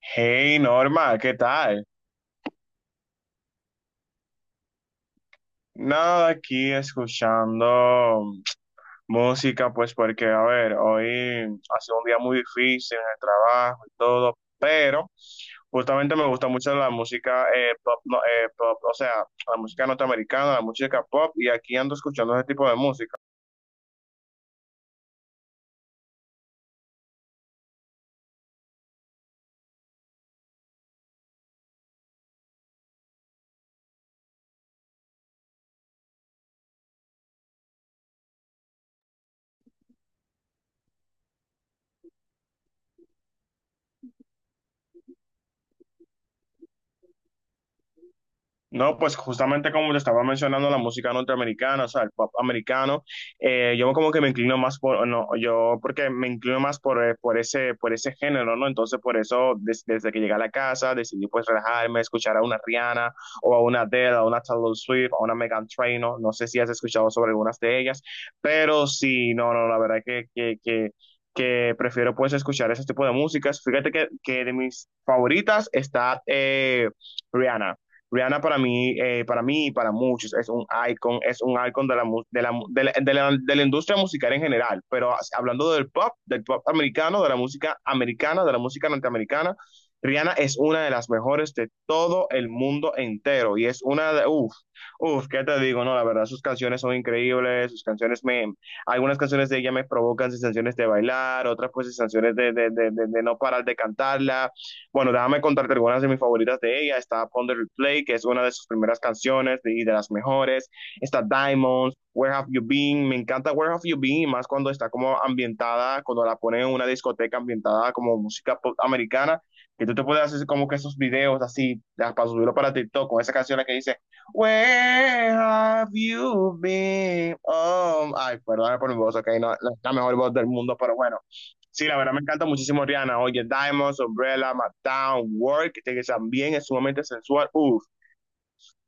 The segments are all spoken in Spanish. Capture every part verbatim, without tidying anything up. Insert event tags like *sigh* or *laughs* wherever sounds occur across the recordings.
Hey Norma, ¿qué tal? Nada, aquí escuchando música, pues porque, a ver, hoy ha sido un día muy difícil en el trabajo y todo, pero justamente me gusta mucho la música eh, pop, no, eh, pop, o sea, la música norteamericana, la música pop, y aquí ando escuchando ese tipo de música. No, pues justamente como te estaba mencionando, la música norteamericana, o sea, el pop americano, eh, yo como que me inclino más por, no, yo porque me inclino más por, eh, por ese, por ese género, ¿no? Entonces, por eso, des- desde que llegué a la casa, decidí pues relajarme, escuchar a una Rihanna, o a una Adele, a una Taylor Swift, a una Megan Trainor. No, no sé si has escuchado sobre algunas de ellas, pero sí, no, no, la verdad que, que, que, que prefiero pues escuchar ese tipo de músicas. Fíjate que, que de mis favoritas está eh, Rihanna. Rihanna para mí, eh, para mí y para muchos es un icon, es un icon de la, mu- de la, de la, de la- de la industria musical en general, pero hablando del pop, del pop americano, de la música americana, de la música norteamericana, Rihanna es una de las mejores de todo el mundo entero y es una de, uff, uff, ¿qué te digo? No, la verdad, sus canciones son increíbles, sus canciones me, algunas canciones de ella me provocan sensaciones de bailar, otras pues sensaciones de, de, de, de, de no parar de cantarla. Bueno, déjame contarte algunas de mis favoritas de ella. Está Ponder Replay, que es una de sus primeras canciones de- y de las mejores. Está Diamonds, Where Have You Been. Me encanta Where Have You Been, y más cuando está como ambientada, cuando la ponen en una discoteca ambientada como música pop americana, que tú te puedes hacer como que esos videos así, ya, para subirlo para TikTok, con esa canción que dice, Where Have You Been. Um, ay, perdón por mi voz, ok, no, la la mejor voz del mundo, pero bueno. Sí, la verdad me encanta muchísimo Rihanna. Oye, Diamonds, Umbrella, Mattown, Work, este que también es sumamente sensual. Uf,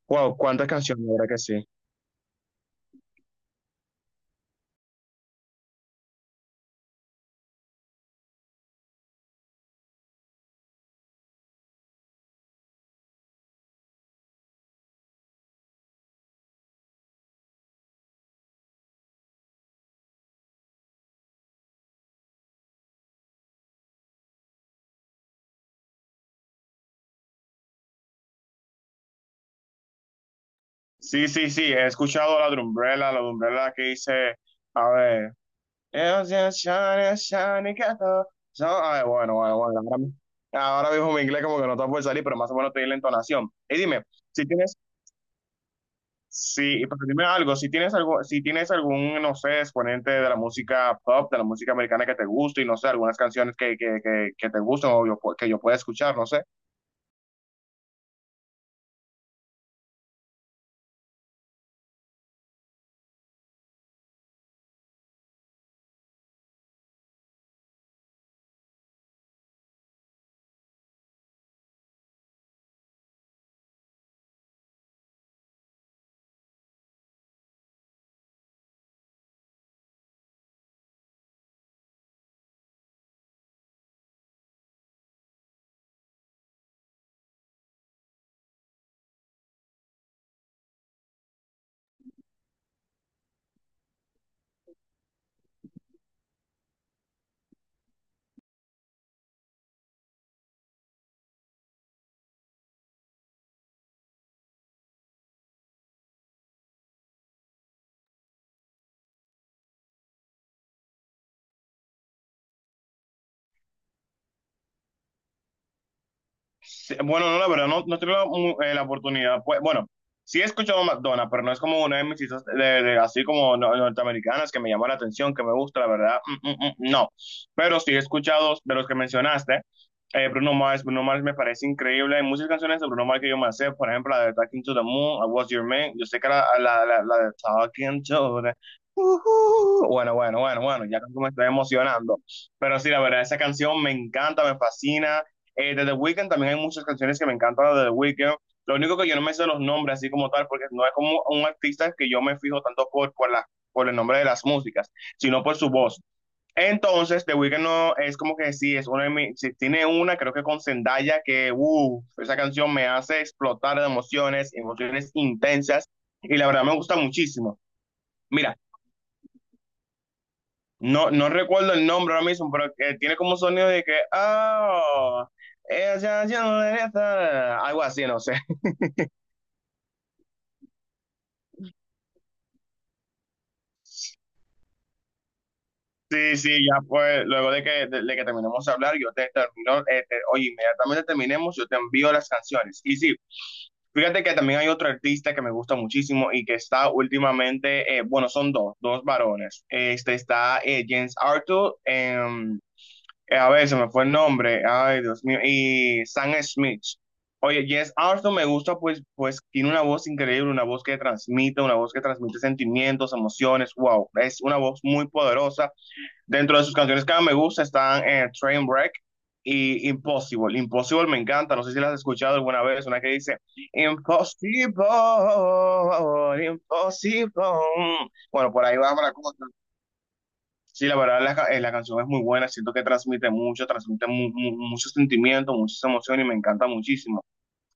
wow, cuántas canciones, la verdad que sí. Sí, sí, sí, he escuchado la de Umbrella, la de Umbrella que dice, a ver, "It's just shiny, shiny castle." So, a ver, bueno, bueno, bueno, ahora, ahora mismo mi inglés como que no está por salir, pero más o menos te di la entonación. Y dime, si tienes sí, pero dime algo, si tienes algo, si tienes algún, no sé, exponente de la música pop, de la música americana que te guste y no sé, algunas canciones que, que, que, que te gustan o yo, pu- que yo pueda escuchar, no sé. Sí, bueno, no, la verdad, no, no he tenido mu- eh, la oportunidad. Pues, bueno, sí he escuchado McDonald's, pero no es como una de mis citas de, de- así como no- norteamericanas que me llama la atención, que me gusta, la verdad. mm, mm, mm, no. Pero sí he escuchado de los que mencionaste. eh, Bruno Mars, Bruno Mars me parece increíble. Hay muchas canciones de Bruno Mars que yo me sé, por ejemplo, la de Talking to the Moon, I Was Your Man. Yo sé que la, la, la, la de Talking to the. Ujú. Bueno, bueno, bueno, bueno, ya como me estoy emocionando. Pero sí, la verdad, esa canción me encanta, me fascina. Eh, de The Weeknd también hay muchas canciones que me encantan de The Weeknd. Lo único que yo no me sé los nombres así como tal, porque no es como un artista que yo me fijo tanto por, por, la, por el nombre de las músicas, sino por su voz. Entonces, The Weeknd no, es como que sí, es una de mis, sí, tiene una, creo que con Zendaya, que uh, esa canción me hace explotar de emociones, emociones intensas, y la verdad me gusta muchísimo. Mira, no, no recuerdo el nombre ahora mismo, pero eh, tiene como un sonido de que, ah, ella ya está, algo así, no sé. *laughs* Sí, sí, ya pues, luego de que, de, de que terminemos de hablar, yo te termino, eh, te- oye, inmediatamente terminemos, yo te envío las canciones. Y sí, fíjate que también hay otro artista que me gusta muchísimo y que está últimamente, eh, bueno, son dos, dos varones. Este está eh, James Arthur em, Eh, A ver, se me fue el nombre. Ay, Dios mío. Y Sam Smith. Oye, Jess Arthur me gusta, pues, pues tiene una voz increíble, una voz que transmite, una voz que transmite sentimientos, emociones. Wow, es una voz muy poderosa. Dentro de sus canciones que más me gusta están eh, Trainwreck y Impossible. Impossible me encanta, no sé si la has escuchado alguna vez, una que dice Impossible, Impossible. Bueno, por ahí va la cosa. Sí, la verdad, la, ca- eh, la canción es muy buena, siento que transmite mucho, transmite mu- mu- muchos sentimientos, muchas emociones y me encanta muchísimo.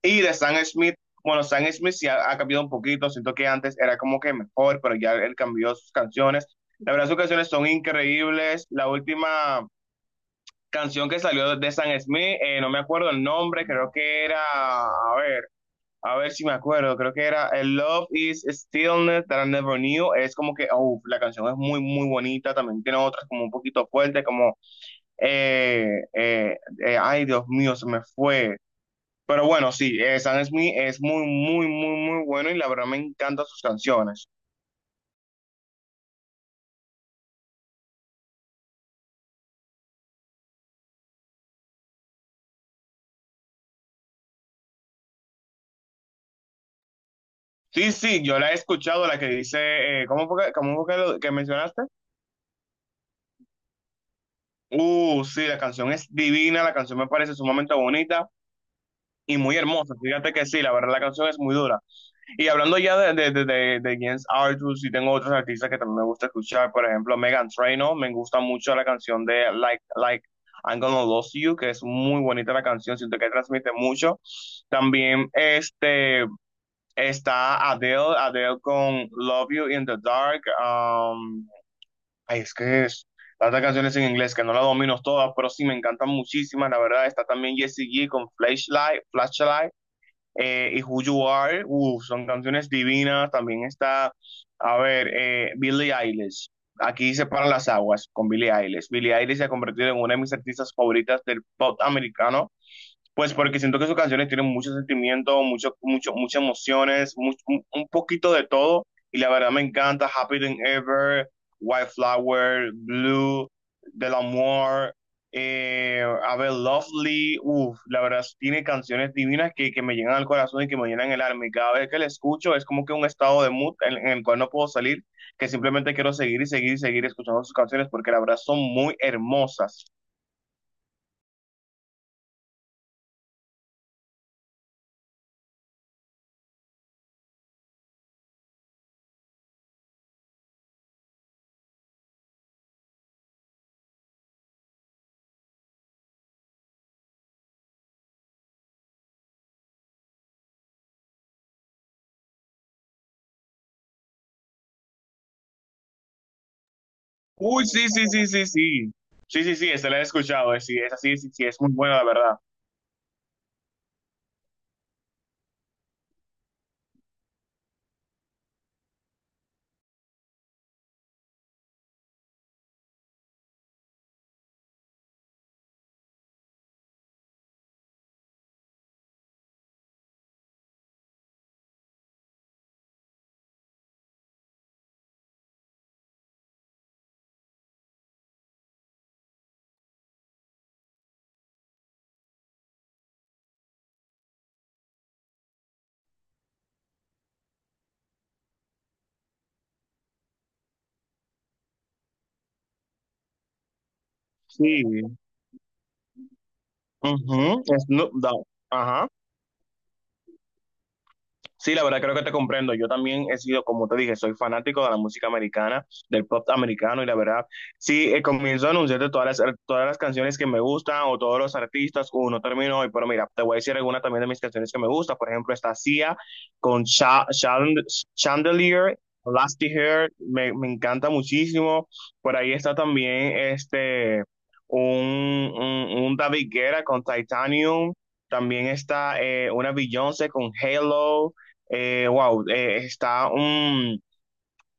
Y de Sam Smith, bueno, Sam Smith sí ha, ha cambiado un poquito, siento que antes era como que mejor, pero ya él cambió sus canciones. La verdad, sus canciones son increíbles. La última canción que salió de Sam Smith, eh, no me acuerdo el nombre, creo que era, a ver. A ver si me acuerdo, creo que era el Love is Stillness that I Never Knew. Es como que, oh, la canción es muy, muy bonita. También tiene otras como un poquito fuerte, como, eh, eh, eh, ay, Dios mío, se me fue. Pero bueno, sí, eh, Sam Smith es muy, muy, muy, muy bueno y la verdad me encantan sus canciones. Sí, sí, yo la he escuchado, la que dice, eh, ¿cómo fue que, cómo fue que, lo- que mencionaste? Uh, sí, la canción es divina, la canción me parece sumamente bonita y muy hermosa. Fíjate que sí, la verdad la canción es muy dura. Y hablando ya de, de, de, de, de Jens Arthur, sí tengo otros artistas que también me gusta escuchar, por ejemplo, Megan Trainor, me gusta mucho la canción de Like, Like, I'm Gonna Lose You, que es muy bonita la canción, siento que transmite mucho. También este, está Adele, Adele con Love You in the Dark. um, ay, es que es tantas canciones en inglés que no las domino todas, pero sí me encantan muchísimas, la verdad. Está también Jessie J con Flashlight, Flashlight eh, y Who You Are, uh, son canciones divinas. También está, a ver, eh, Billie Eilish. Aquí se paran las aguas con Billie Eilish. Billie Eilish se ha convertido en una de mis artistas favoritas del pop americano. Pues porque siento que sus canciones tienen mucho sentimiento, mucho, mucho, muchas emociones, much- un, un poquito de todo. Y la verdad me encanta Happy Than Ever, White Flower, Blue, Del Amor, eh, A Bit Lovely. Uf, la verdad tiene canciones divinas que, que me llegan al corazón y que me llenan el alma. Y cada vez que la escucho es como que un estado de mood en, en el cual no puedo salir, que simplemente quiero seguir y seguir y seguir escuchando sus canciones porque la verdad son muy hermosas. Uy, sí, sí, sí, sí, sí. Sí, sí, sí, esa la he escuchado. eh, Sí, es así, sí, sí, es muy buena, la verdad. Sí. Ujú, es Snoop Dogg. Ajá. Sí, la verdad creo que te comprendo. Yo también he sido, como te dije, soy fanático de la música americana, del pop americano y la verdad, sí, eh, comienzo a anunciarte todas las, todas las canciones que me gustan o todos los artistas, uno termino hoy, pero mira, te voy a decir alguna también de mis canciones que me gustan. Por ejemplo, está Sia con Cha- Chan- Chandelier, Lasty Hair, me, me encanta muchísimo. Por ahí está también este, un, un, un David Guetta con Titanium. También está eh, una Beyoncé con Halo. Eh, wow, eh, está un,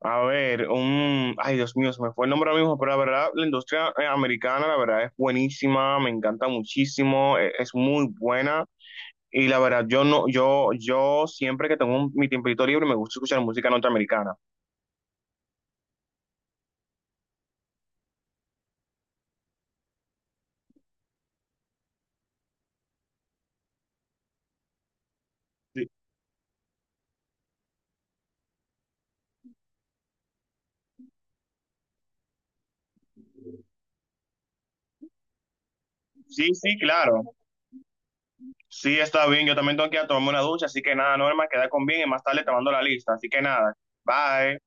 a ver, un, ay Dios mío, se me fue el nombre ahora mismo, pero la verdad, la industria eh, americana, la verdad, es buenísima, me encanta muchísimo, eh, es muy buena. Y la verdad, yo no, yo, yo siempre que tengo un- mi tiempito libre me gusta escuchar música norteamericana. Sí, sí, sí, claro. Sí, está bien. Yo también tengo que ir a tomarme una ducha, así que nada, Norma, queda con bien y más tarde te mando la lista. Así que nada, bye.